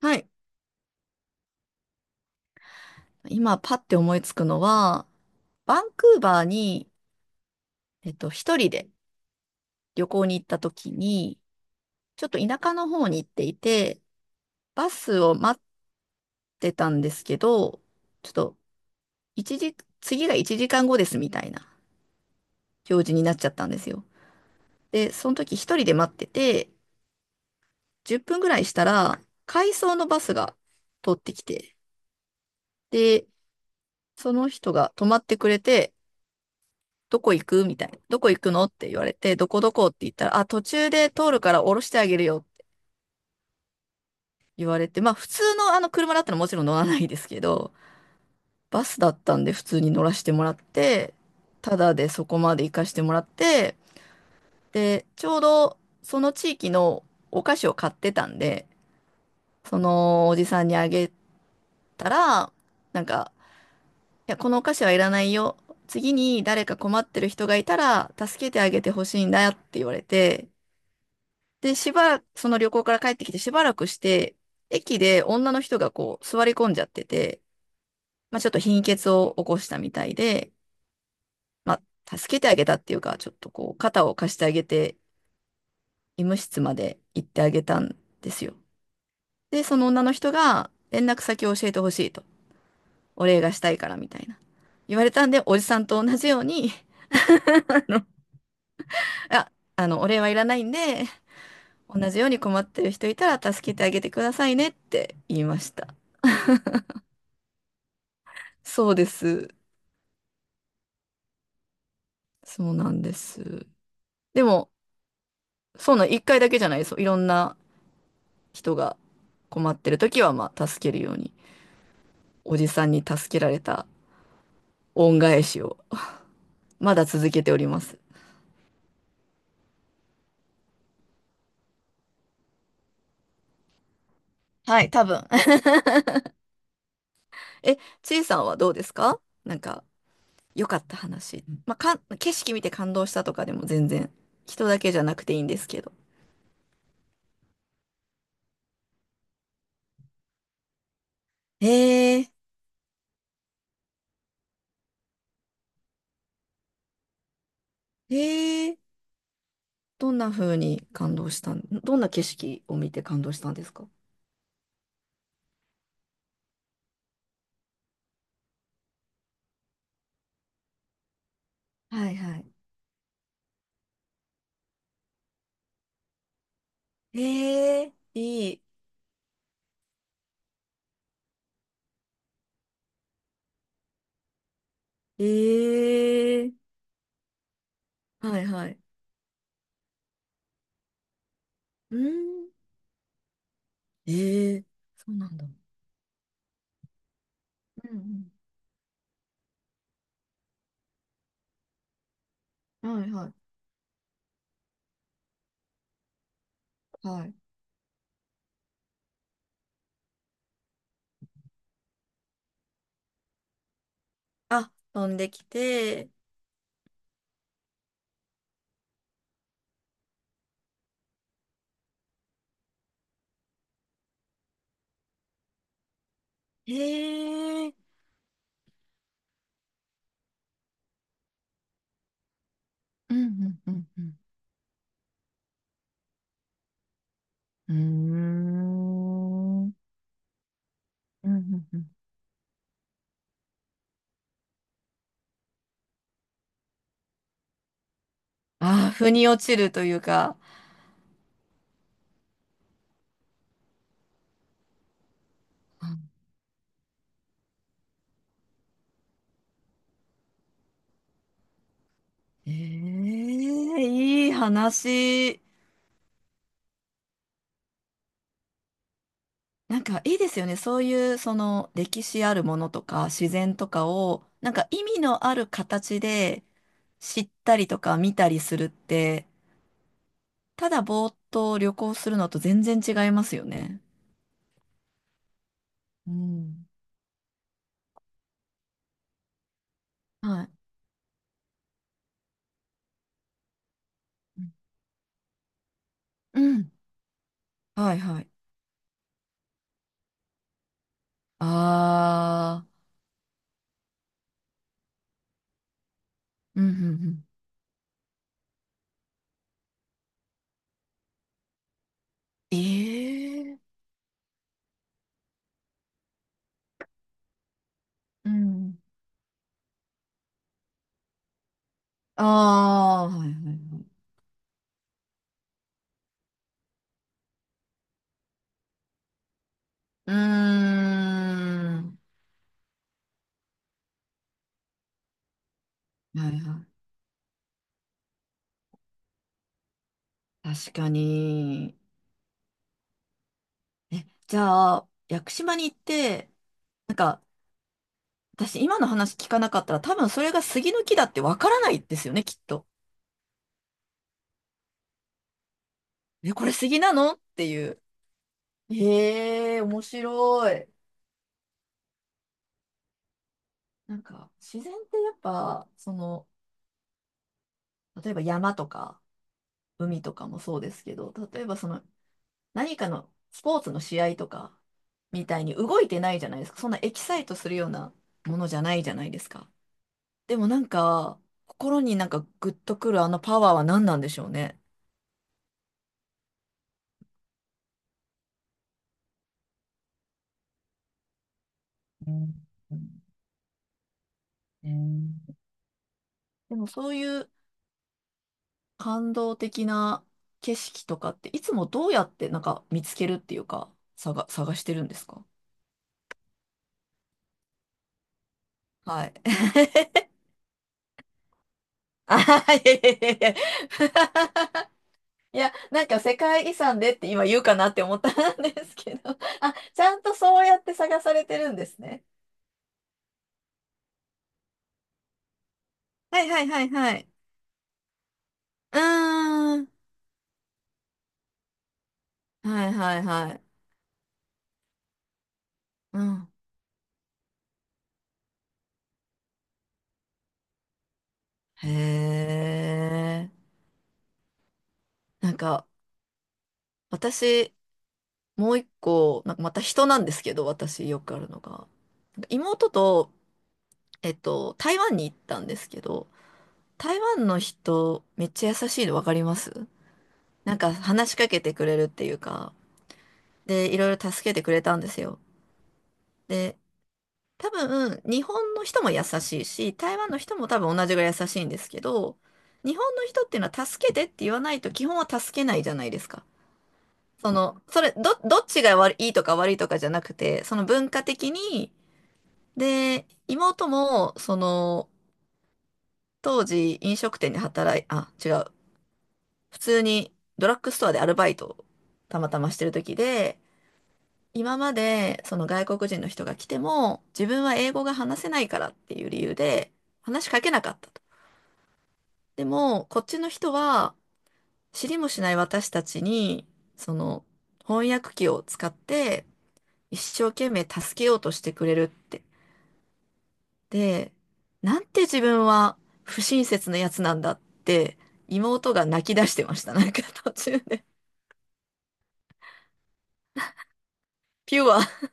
はい。今、パッて思いつくのは、バンクーバーに、一人で旅行に行った時に、ちょっと田舎の方に行っていて、バスを待ってたんですけど、ちょっと、一時、次が1時間後ですみたいな表示になっちゃったんですよ。で、その時一人で待ってて、10分ぐらいしたら、回送のバスが通ってきて、で、その人が止まってくれて、どこ行くみたいな。どこ行くのって言われて、どこどこって言ったら、あ、途中で通るから降ろしてあげるよって言われて、まあ普通のあの車だったらもちろん乗らないですけど、バスだったんで普通に乗らせてもらって、ただでそこまで行かしてもらって、で、ちょうどその地域のお菓子を買ってたんで、そのおじさんにあげたら、なんか、いや、このお菓子はいらないよ。次に誰か困ってる人がいたら助けてあげてほしいんだよって言われて、で、しばらく、その旅行から帰ってきてしばらくして、駅で女の人がこう座り込んじゃってて、まあちょっと貧血を起こしたみたいで、まあ助けてあげたっていうか、ちょっとこう肩を貸してあげて、医務室まで行ってあげたんですよ。で、その女の人が連絡先を教えてほしいと、お礼がしたいからみたいな。言われたんで、おじさんと同じように、あ、あの、お礼はいらないんで、同じように困ってる人いたら助けてあげてくださいねって言いました。そうです。そうなんです。でも、そんな1回だけじゃないです。いろんな人が困ってる時は、まあ、助けるように、おじさんに助けられた恩返しを、まだ続けております。はい、多分。え、ちいさんはどうですか、なんか、良かった話。まあ、か景色見て感動したとかでも全然、人だけじゃなくていいんですけど。へえ、へえ。どんな風に感動したん、どんな景色を見て感動したんですか？はいはい。へえ、いい。ええ。はいはい。うん。ええ。そうなんだ。うんうん。はいはい。はい。あ、飛んできて、ええ。うんうんうんうん。うーん。ああ、腑に落ちるというか。ええ。いい話。なんかいいですよね。そういうその歴史あるものとか自然とかをなんか意味のある形で知ったりとか見たりするって、ただぼーっと旅行するのと全然違いますよね。うん。はい。うん。はいはい。あー。うんうんうん。えー。うん。あー。はいはいはい。うーん。はいはい。確かに。え、じゃあ、屋久島に行って、なんか、私今の話聞かなかったら多分それが杉の木だってわからないですよね、きっと。え、これ杉なのっていう。へえー、面白い。なんか、自然ってやっぱ、その、例えば山とか海とかもそうですけど、例えばその、何かのスポーツの試合とかみたいに動いてないじゃないですか。そんなエキサイトするようなものじゃないじゃないですか。でもなんか、心になんかグッとくるあのパワーは何なんでしょうね。うんうん。でもそういう感動的な景色とかって、いつもどうやってなんか見つけるっていうか、探してるんですか？はい。あはは、いやいやいやいや。いや、なんか世界遺産でって今言うかなって思ったんですけど。あ、ちゃんとそうやって探されてるんですね。はいはいはいはい。うーん。はいはいはい。うん。へえ。なんか、私、もう一個、なんかまた人なんですけど、私よくあるのが。なんか妹と、台湾に行ったんですけど、台湾の人、めっちゃ優しいの分かります？なんか話しかけてくれるっていうか、で、いろいろ助けてくれたんですよ。で、多分、日本の人も優しいし、台湾の人も多分同じぐらい優しいんですけど、日本の人っていうのは助けてって言わないと基本は助けないじゃないですか。その、それ、どっちが悪いいとか悪いとかじゃなくて、その文化的に、で、妹も、その、当時飲食店で働い、あ、違う、普通にドラッグストアでアルバイトをたまたましてる時で、今までその外国人の人が来ても自分は英語が話せないからっていう理由で話しかけなかったと。でもこっちの人は知りもしない私たちにその翻訳機を使って一生懸命助けようとしてくれるって。で、なんて自分は不親切なやつなんだって妹が泣き出してました。なんか途中で。ピュア。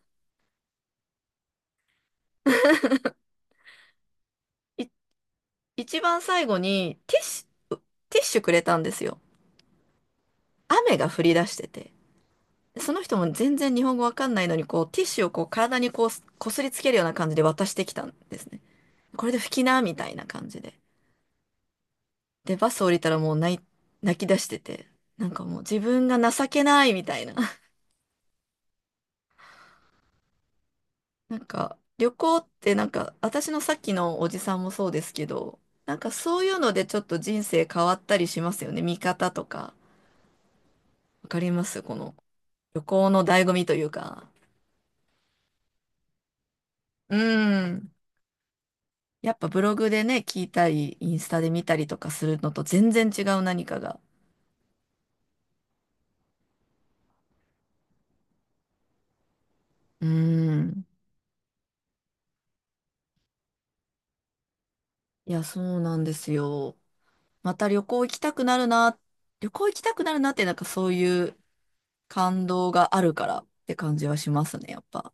い一番最後にュ、ティッシュくれたんですよ。雨が降り出してて。その人も全然日本語わかんないのに、こう、ティッシュをこう、体にこう、こすりつけるような感じで渡してきたんですね。これで拭きな、みたいな感じで。で、バス降りたらもう泣き出してて、なんかもう自分が情けないみたいな。なんか、旅行ってなんか、私のさっきのおじさんもそうですけど、なんかそういうのでちょっと人生変わったりしますよね。見方とか。わかりますこの旅行の醍醐味というか。うん。やっぱブログでね、聞いたり、インスタで見たりとかするのと全然違う何かが。うーん。いや、そうなんですよ。また旅行行きたくなるな、旅行行きたくなるなって、なんかそういう感動があるからって感じはしますね、やっぱ。